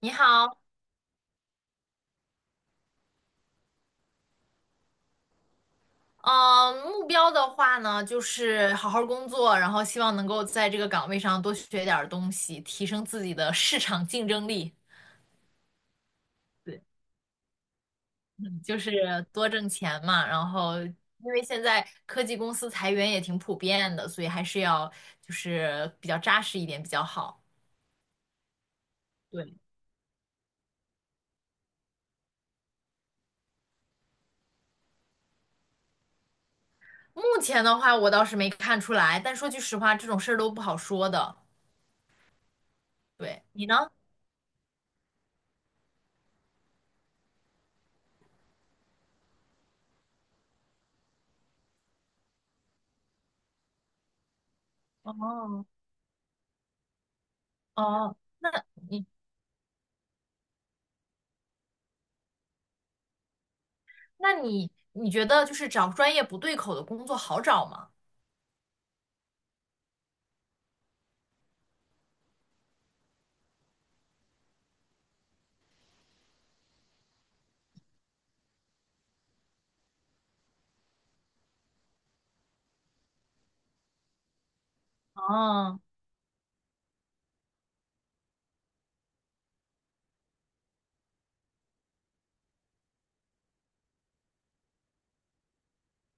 你好，嗯，目标的话呢，就是好好工作，然后希望能够在这个岗位上多学点儿东西，提升自己的市场竞争力。对，嗯就是多挣钱嘛。然后，因为现在科技公司裁员也挺普遍的，所以还是要就是比较扎实一点比较好。对，目前的话我倒是没看出来，但说句实话，这种事儿都不好说的。对，你呢？哦哦，那。你。那你觉得就是找专业不对口的工作好找吗？哦，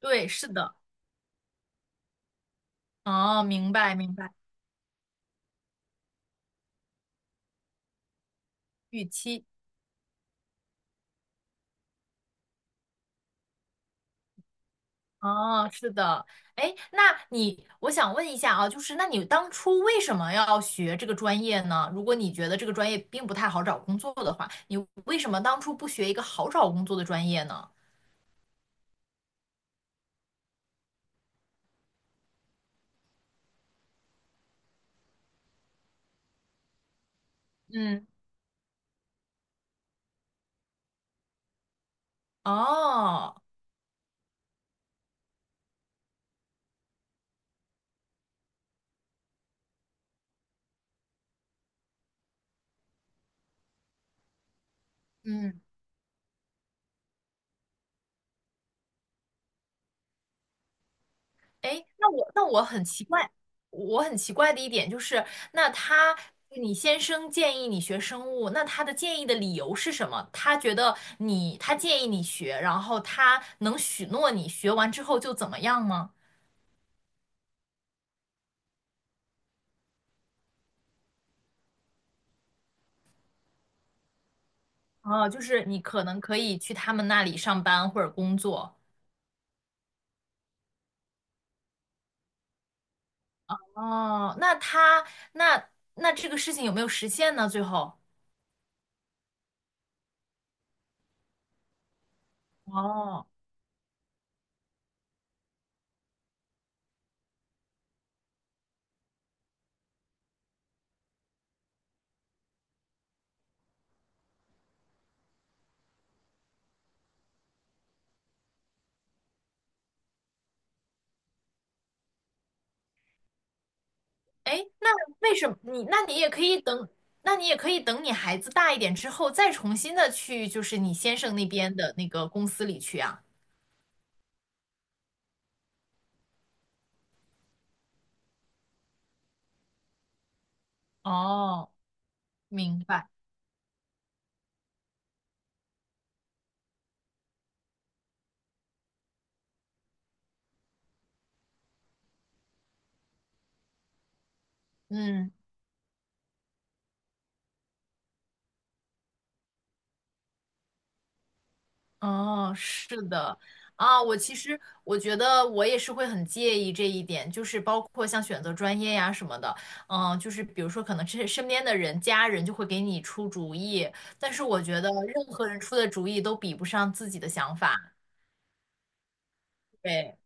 对，是的，哦，明白明白，预期，哦，是的，哎，那你，我想问一下啊，就是那你当初为什么要学这个专业呢？如果你觉得这个专业并不太好找工作的话，你为什么当初不学一个好找工作的专业呢？嗯哦，嗯。哎，那我很奇怪，我很奇怪的一点就是，那他你先生建议你学生物，那他的建议的理由是什么？他建议你学，然后他能许诺你学完之后就怎么样吗？哦，就是你可能可以去他们那里上班或者工作。哦，那他那那这个事情有没有实现呢？最后？哦。哎，那为什么你？那你也可以等，你孩子大一点之后，再重新的去，就是你先生那边的那个公司里去啊。哦，明白。嗯，哦，是的。啊，我其实我觉得我也是会很介意这一点，就是包括像选择专业呀什么的，嗯，就是比如说可能这身边的人、家人就会给你出主意，但是我觉得任何人出的主意都比不上自己的想法。对，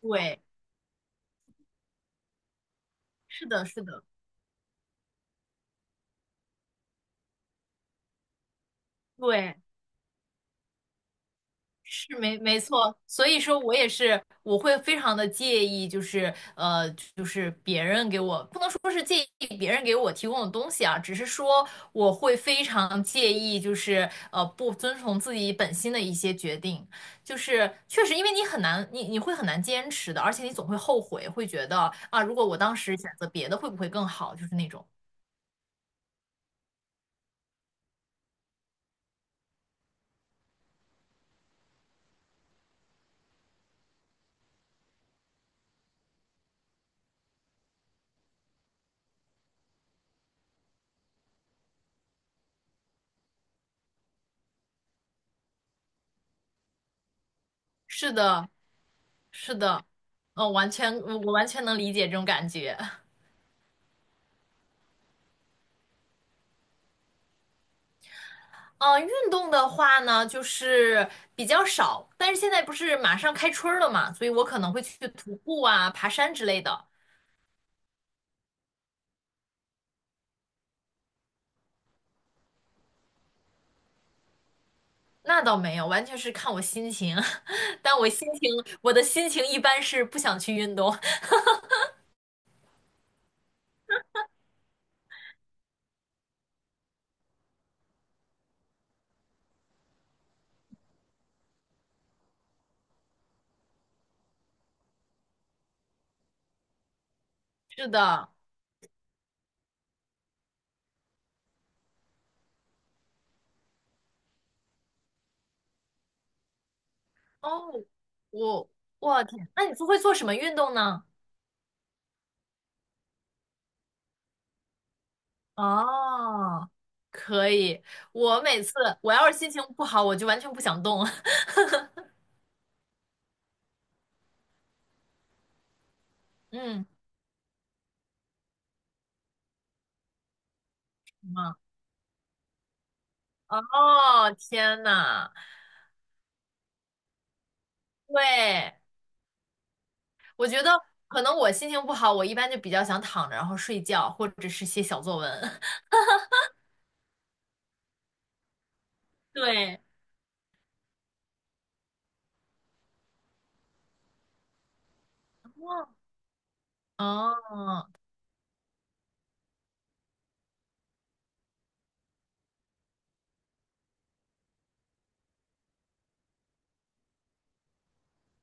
对，是的，是的。对，是没错，所以说我也是，我会非常的介意，就是就是别人给我，不能说是介意别人给我提供的东西啊，只是说我会非常介意，就是不遵从自己本心的一些决定，就是确实，因为你很难，你会很难坚持的，而且你总会后悔，会觉得啊，如果我当时选择别的，会不会更好？就是那种，是的，是的，完全，我完全能理解这种感觉。运动的话呢，就是比较少，但是现在不是马上开春儿了嘛，所以我可能会去徒步啊、爬山之类的。那倒没有，完全是看我心情。但我心情，我的心情一般是不想去运动。是的，哦，我我天，那你都会做什么运动呢？哦，可以。我每次我要是心情不好，我就完全不想动。嗯，什么？哦，天呐，对。我觉得可能我心情不好，我一般就比较想躺着，然后睡觉，或者是写小作文。对，哦，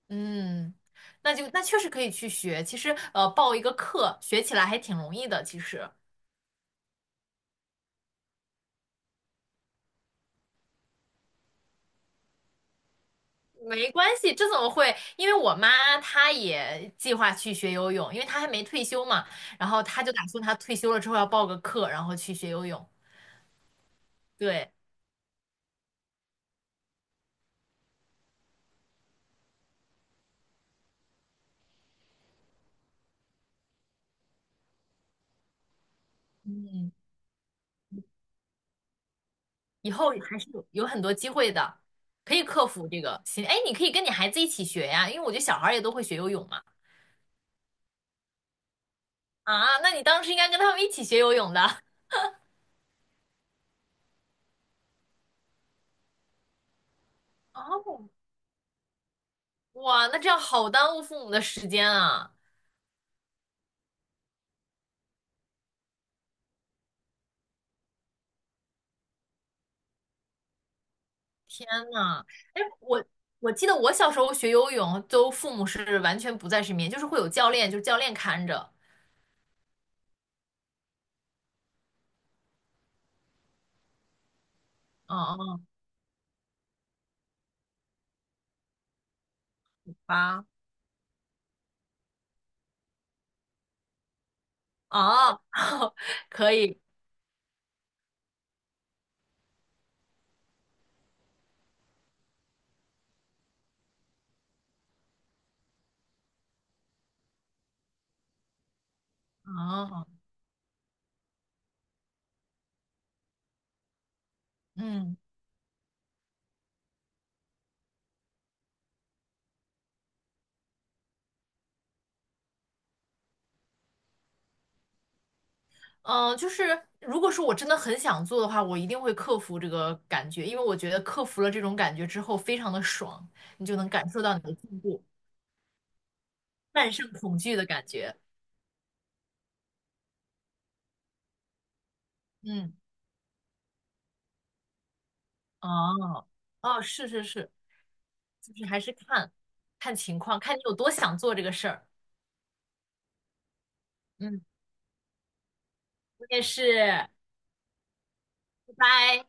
嗯，那确实可以去学。其实，报一个课学起来还挺容易的。其实没关系，这怎么会？因为我妈她也计划去学游泳，因为她还没退休嘛。然后她就打算她退休了之后要报个课，然后去学游泳。对，嗯。以后还是有很多机会的，可以克服这个心。哎，你可以跟你孩子一起学呀，因为我觉得小孩儿也都会学游泳嘛。啊，那你当时应该跟他们一起学游泳的。哦，哇，那这样好耽误父母的时间啊！天呐，哎，我记得我小时候学游泳，都父母是完全不在身边，就是会有教练，就是教练看着。嗯哦，好吧，哦，可以，哦，嗯。嗯，就是如果说我真的很想做的话，我一定会克服这个感觉，因为我觉得克服了这种感觉之后，非常的爽，你就能感受到你的进步，战胜恐惧的感觉。嗯，哦，哦，是是是，就是还是看看情况，看你有多想做这个事儿。嗯，我也是，拜拜。